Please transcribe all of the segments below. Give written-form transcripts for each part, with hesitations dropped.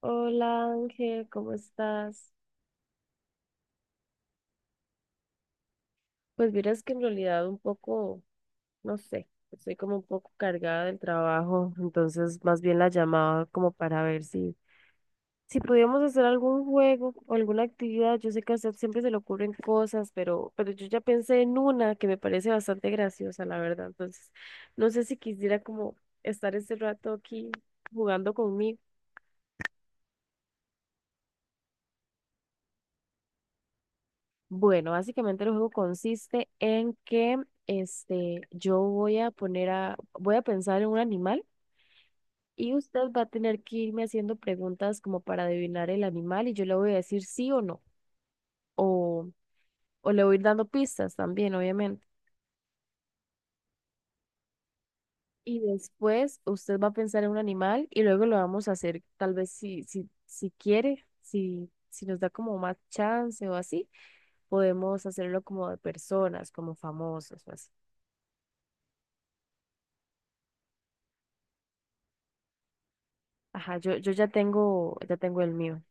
Hola Ángel, ¿cómo estás? Pues miras que en realidad un poco, no sé, estoy como un poco cargada del trabajo, entonces más bien la llamaba como para ver si podíamos hacer algún juego o alguna actividad. Yo sé que a usted siempre se le ocurren cosas, pero yo ya pensé en una que me parece bastante graciosa, la verdad. Entonces, no sé si quisiera como estar este rato aquí jugando conmigo. Bueno, básicamente el juego consiste en que yo voy a pensar en un animal y usted va a tener que irme haciendo preguntas como para adivinar el animal y yo le voy a decir sí o no, o, o le voy a ir dando pistas también, obviamente. Y después usted va a pensar en un animal y luego lo vamos a hacer, tal vez si, si quiere, si nos da como más chance o así, podemos hacerlo como de personas, como famosos o así. Ajá, yo ya tengo el mío.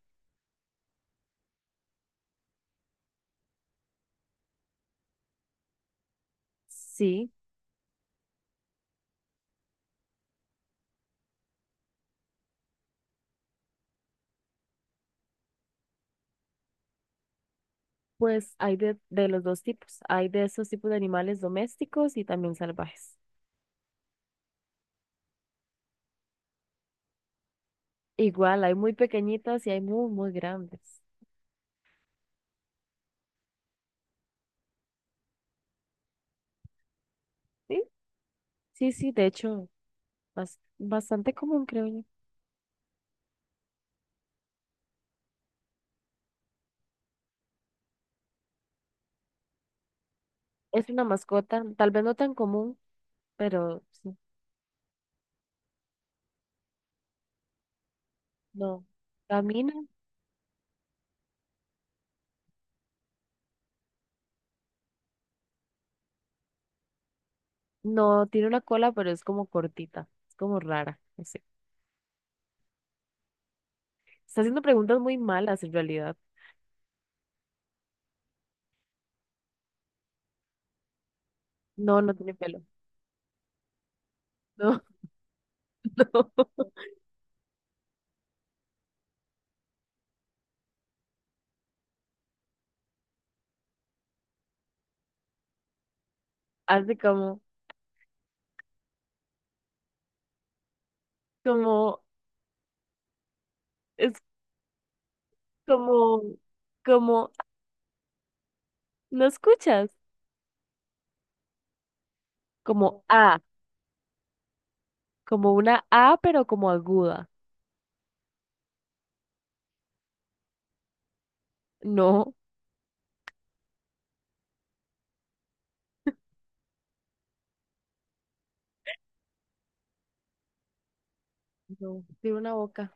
Sí, pues hay de los dos tipos. Hay de esos tipos de animales domésticos y también salvajes. Igual, hay muy pequeñitas y hay muy, muy grandes. Sí, sí, sí, de hecho, bastante común, creo yo. Es una mascota, tal vez no tan común, pero sí, no. Camina, no, tiene una cola, pero es como cortita, es como rara, no sé. Está haciendo preguntas muy malas en realidad. No, no tiene pelo. No, no. Hace como... Como, es como, como, ¿no escuchas? Como A, como una A, pero como aguda. No, no, tiene una boca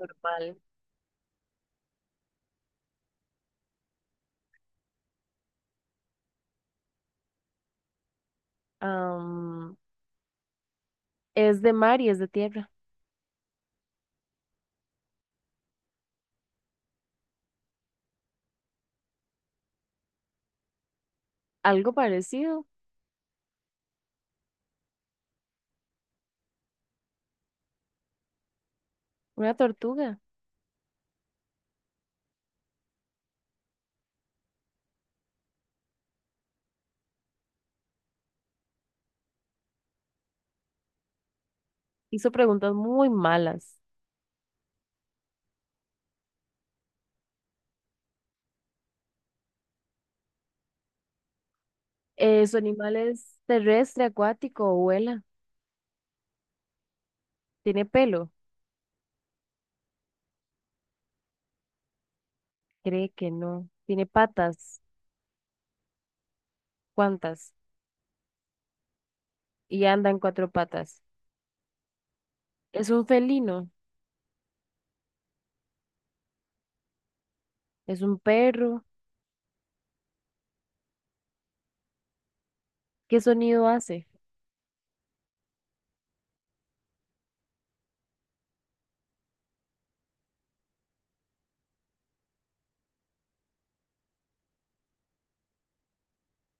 normal. Am, es de mar y es de tierra. Algo parecido, una tortuga. Hizo preguntas muy malas. ¿Su animal es terrestre, acuático o vuela? ¿Tiene pelo? Cree que no. ¿Tiene patas? ¿Cuántas? Y anda en cuatro patas. ¿Es un felino? ¿Es un perro? ¿Qué sonido hace?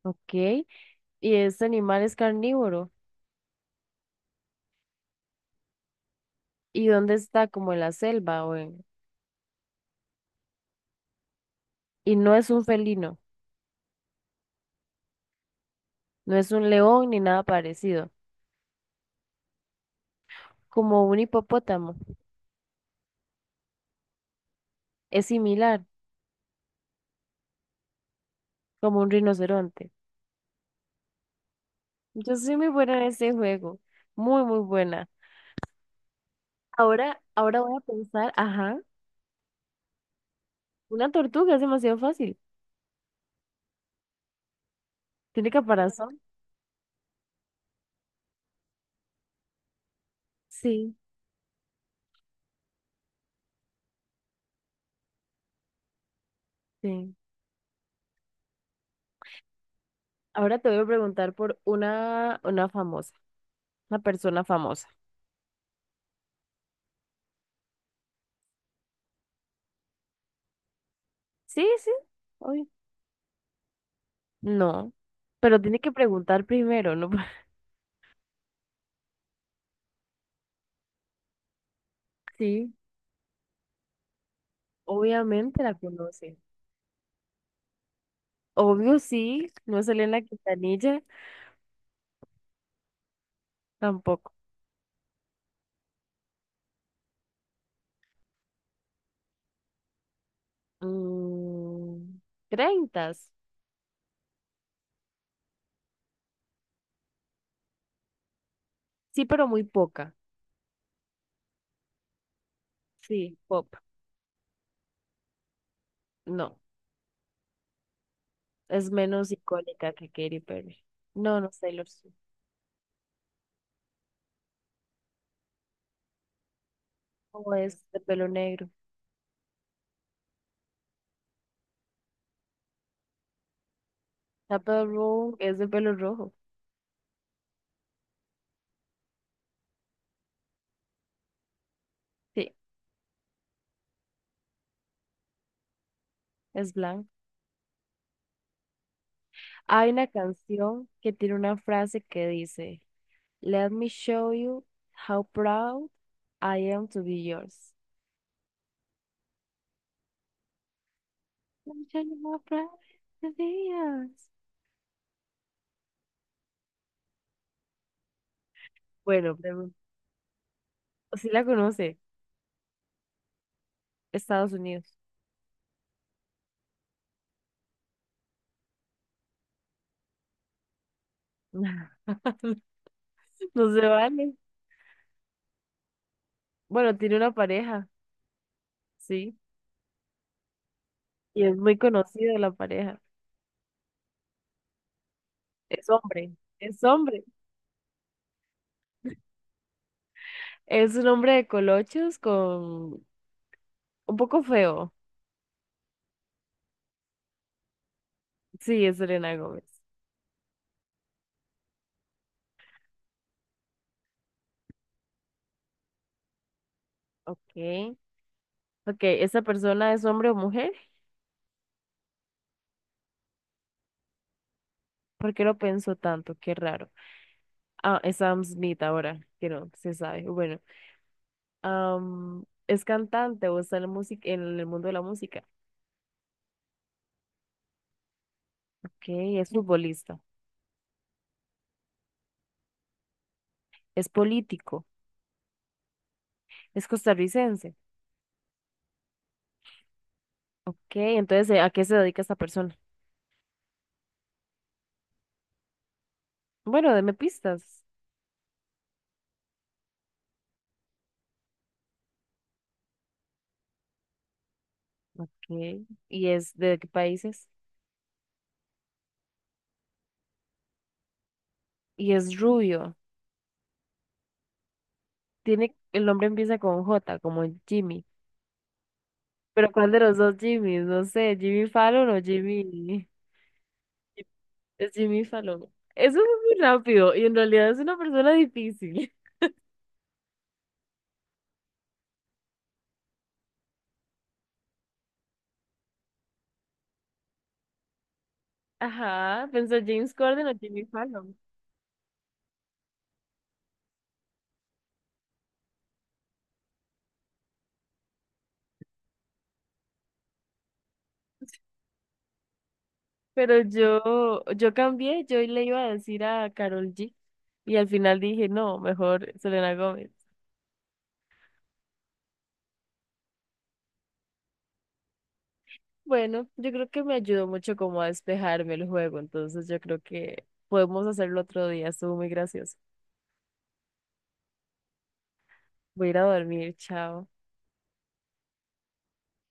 Ok. Y este animal es carnívoro. ¿Y dónde está? Como en la selva o en... Y no es un felino, no es un león ni nada parecido. Como un hipopótamo. Es similar, como un rinoceronte. Yo soy muy buena en este juego. Muy, muy buena. Ahora voy a pensar, ajá, una tortuga es demasiado fácil. ¿Tiene caparazón? Sí, sí. Ahora te voy a preguntar por una persona famosa. Sí, sí. Obvio. No, pero tiene que preguntar primero, ¿no? Sí. Obviamente la conoce. Obvio sí, no salió en la Quintanilla tampoco. Mm, Treintas. Sí, pero muy poca. Sí, pop. No, es menos icónica que Katy Perry. No, no es Taylor Swift. O es de pelo negro. Chappell Roan es de pelo rojo. Sí, es blanco. Hay una canción que tiene una frase que dice Let me show you how proud I am to be yours. Let me show you how proud I am to be yours. Bueno, si la conoce, Estados Unidos. No se vale. Bueno, tiene una pareja, sí. Y es muy conocida la pareja. Es hombre, es hombre. Es un hombre de colochos con un poco feo. Sí, es Selena Gómez. Ok. Ok, ¿esa persona es hombre o mujer? ¿Por qué lo pensó tanto? Qué raro. Ah, es Sam Smith ahora, que no se sabe. Bueno, es cantante o está en la música, en el mundo de la música. Ok, es futbolista, es político, es costarricense. Ok, entonces, ¿a qué se dedica esta persona? Bueno, deme pistas. Ok, ¿y es de qué países? Y es rubio. Tiene, el nombre empieza con J, como Jimmy. Pero ¿cuál de los dos Jimmys? No sé, Jimmy Fallon o Jimmy. Es Jimmy Fallon. Eso fue muy rápido y en realidad es una persona difícil. Ajá, pensó James Corden o Jimmy Fallon. Pero yo cambié, yo le iba a decir a Carol G. Y al final dije, no, mejor Selena Gómez. Bueno, yo creo que me ayudó mucho como a despejarme el juego, entonces yo creo que podemos hacerlo otro día, estuvo muy gracioso. Voy a ir a dormir, chao.